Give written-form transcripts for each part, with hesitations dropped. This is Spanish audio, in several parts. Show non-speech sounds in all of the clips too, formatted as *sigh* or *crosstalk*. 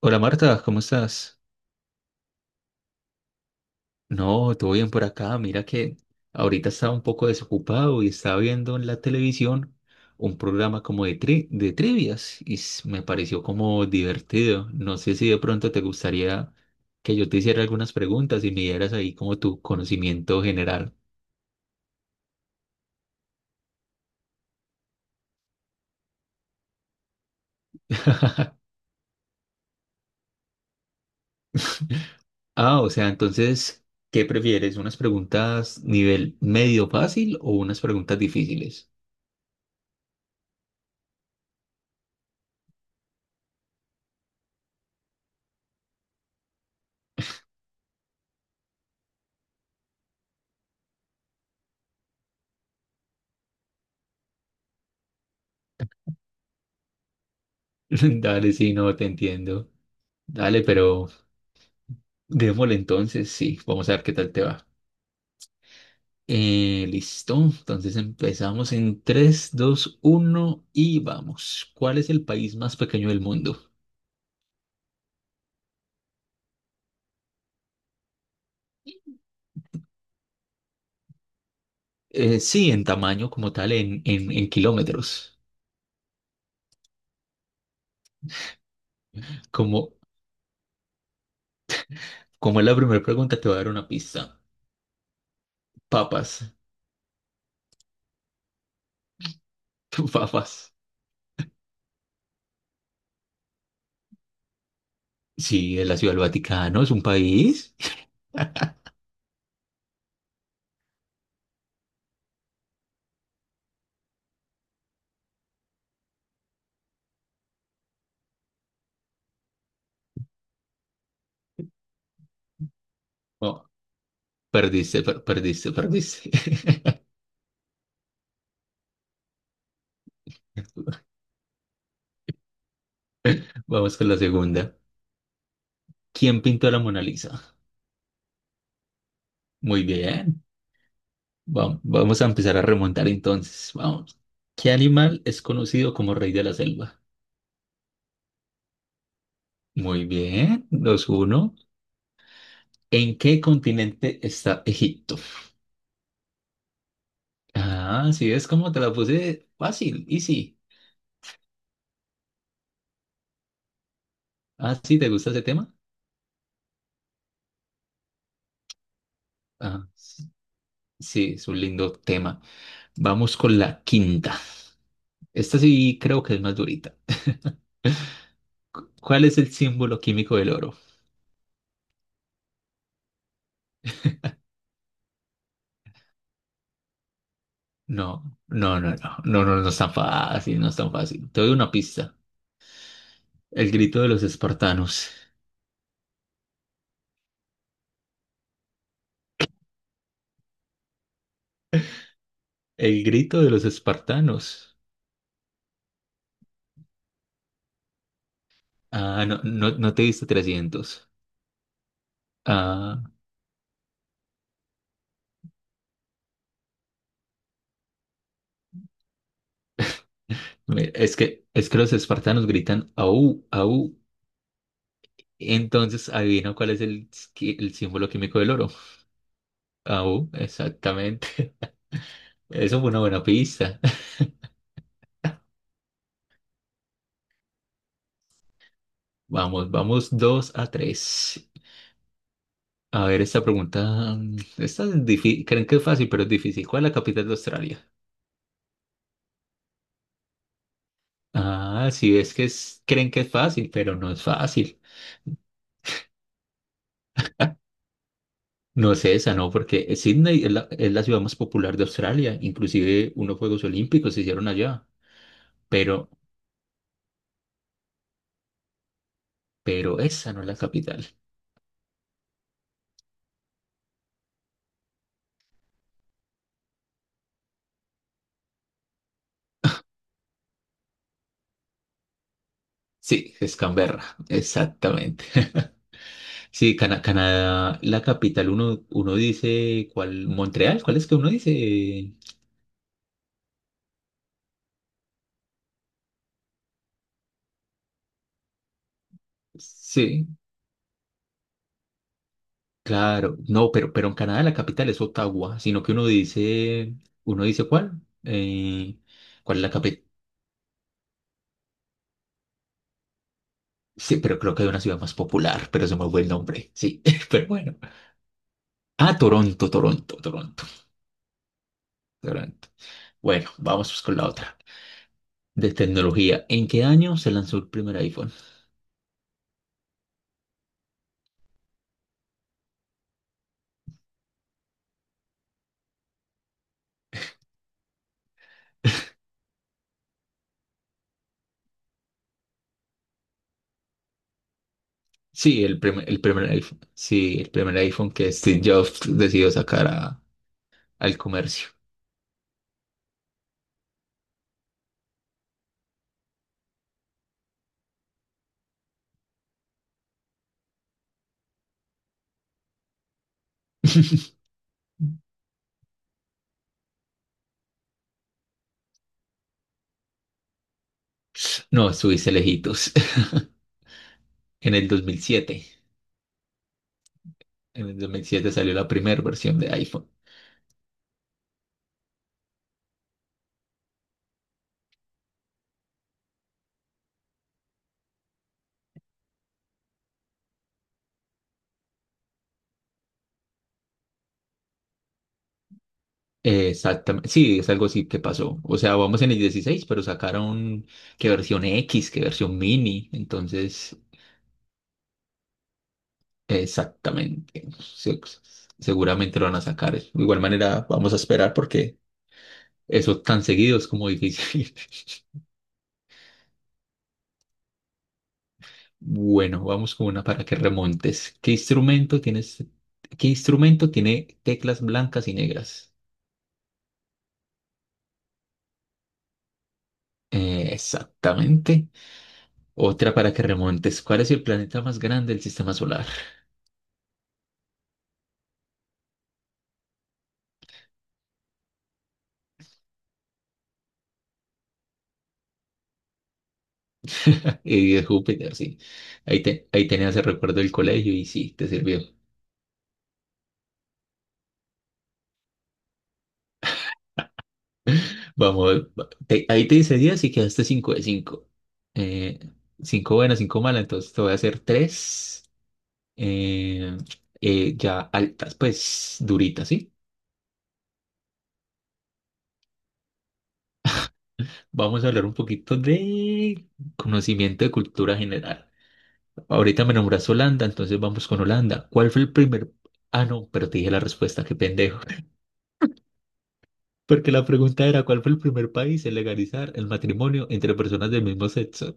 Hola Marta, ¿cómo estás? No, todo bien por acá. Mira que ahorita estaba un poco desocupado y estaba viendo en la televisión un programa como de, de trivias me pareció como divertido. No sé si de pronto te gustaría que yo te hiciera algunas preguntas y me dieras ahí como tu conocimiento general. *laughs* Ah, o sea, entonces, ¿qué prefieres? ¿Unas preguntas nivel medio fácil o unas preguntas difíciles? *laughs* Dale, sí, no, te entiendo. Dale, pero... Démosle entonces, sí, vamos a ver qué tal te va. Listo, entonces empezamos en tres dos uno y vamos. ¿Cuál es el país más pequeño del mundo? Sí, en tamaño como tal, en kilómetros. Como, Como es la primera pregunta, te voy a dar una pista. Papas, *laughs* papas. Sí, es la Ciudad del Vaticano, es un país. Oh, perdiste, perdiste, perdiste. *laughs* Vamos con la segunda. ¿Quién pintó la Mona Lisa? Muy bien. Vamos a empezar a remontar entonces. Vamos. ¿Qué animal es conocido como rey de la selva? Muy bien, dos uno. ¿En qué continente está Egipto? Ah, sí, es como te la puse fácil, easy. Ah, sí, ¿te gusta ese tema? Ah, s- sí, es un lindo tema. Vamos con la quinta. Esta sí creo que es más durita. ¿Cuál es el símbolo químico del oro? No, no es tan fácil, no es tan fácil. Te doy una pista. El grito de los espartanos. El grito de los espartanos. Ah, no, no, no te diste 300. Ah, es que los espartanos gritan au, au. Entonces, adivina cuál es el, el símbolo químico del oro. Au, exactamente. *laughs* Eso fue una buena pista. *laughs* Vamos, vamos dos a tres. A ver, esta pregunta. Esta es difícil. Creen que es fácil, pero es difícil. ¿Cuál es la capital de Australia? Ah, sí, es que creen que es fácil, pero no es fácil. No es esa, ¿no? Porque Sydney es la ciudad más popular de Australia. Inclusive unos Juegos Olímpicos se hicieron allá. Pero, pero esa no es la capital. Sí, es Canberra, exactamente. *laughs* Sí, Canadá, la capital, uno, uno dice, ¿cuál? Montreal, ¿cuál es que uno dice? Sí, claro. No, pero en Canadá la capital es Ottawa, sino que uno dice, ¿cuál? ¿Cuál es la capital? Sí, pero creo que hay una ciudad más popular, pero se me fue el nombre. Sí, *laughs* pero bueno. Ah, Toronto. Bueno, vamos pues con la otra. De tecnología. ¿En qué año se lanzó el primer iPhone? Sí, el primer iPhone. Sí, el primer iPhone que Steve Jobs decidió sacar al comercio. *laughs* No, estuviste lejitos. *laughs* En el dos mil siete. En el dos mil siete salió la primera versión de iPhone. Exactamente. Sí, es algo así que pasó. O sea, vamos en el 16, pero sacaron qué versión X, qué versión mini. Entonces, exactamente. Seguramente lo van a sacar. De igual manera, vamos a esperar porque eso tan seguido es como difícil. *laughs* Bueno, vamos con una para que remontes. ¿Qué instrumento tienes? ¿Qué instrumento tiene teclas blancas y negras? Exactamente. Otra para que remontes. ¿Cuál es el planeta más grande del sistema solar? *laughs* Y es Júpiter, sí. Ahí, te, ahí tenías el recuerdo del colegio y sí, te sirvió. Vamos, ahí te hice 10 y quedaste 5 de cinco. Eh, 5 buenas, 5 malas, entonces te voy a hacer 3 ya altas, pues duritas, ¿sí? Vamos a hablar un poquito de conocimiento de cultura general. Ahorita me nombraste Holanda, entonces vamos con Holanda. ¿Cuál fue el primer... Ah, no, pero te dije la respuesta, qué pendejo. *laughs* Porque la pregunta era, ¿cuál fue el primer país en legalizar el matrimonio entre personas del mismo sexo?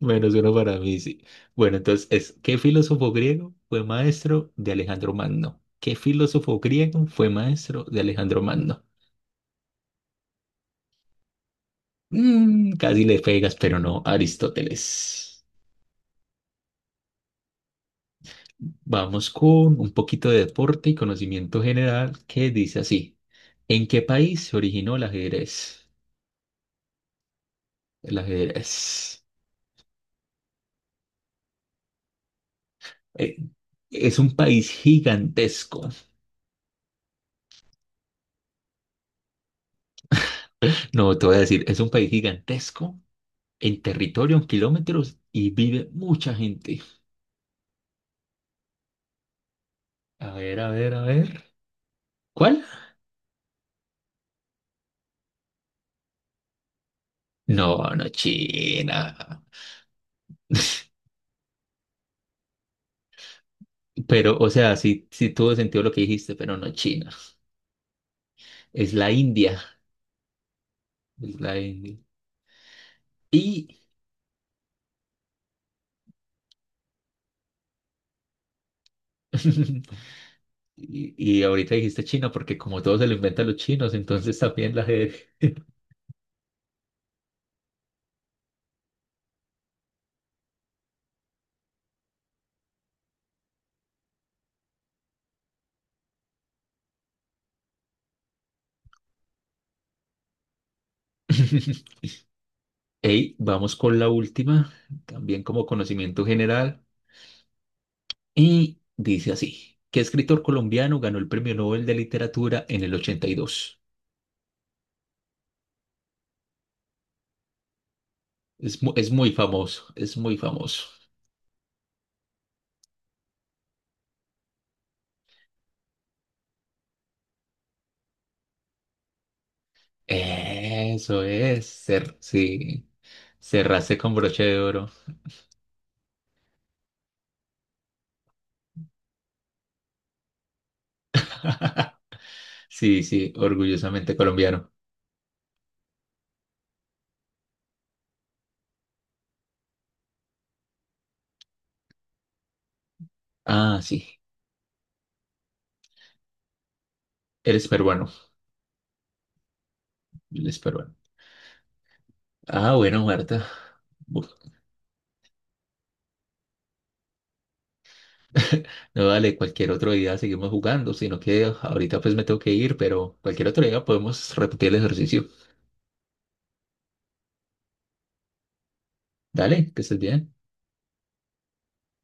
Menos uno para mí, sí. Bueno, entonces es, ¿qué filósofo griego fue maestro de Alejandro Magno? ¿Qué filósofo griego fue maestro de Alejandro Magno? Mm, casi le pegas, pero no, Aristóteles. Vamos con un poquito de deporte y conocimiento general que dice así. ¿En qué país se originó el ajedrez? El ajedrez. eh, es un país gigantesco. No, te voy a decir, es un país gigantesco en territorio, en kilómetros, y vive mucha gente. A ver, a ver, a ver. ¿Cuál? No, no China. *laughs* Pero, o sea, sí, sí tuvo sentido lo que dijiste, pero no China. Es la India. Es la India. Y, *laughs* y ahorita dijiste China porque como todo se lo inventan los chinos, entonces también la gente... *laughs* Ey, vamos con la última, también como conocimiento general. Y dice así, ¿qué escritor colombiano ganó el Premio Nobel de Literatura en el 82? Es, es muy famoso, es muy famoso. Eso es, sí, cerraste con broche de oro. *laughs* Sí, sí, orgullosamente colombiano. Ah, sí, eres peruano, eres peruano. Ah, bueno, Marta. Bu- No, dale, cualquier otro día seguimos jugando, sino que ahorita pues me tengo que ir, pero cualquier otro día podemos repetir el ejercicio. Dale, que estés bien.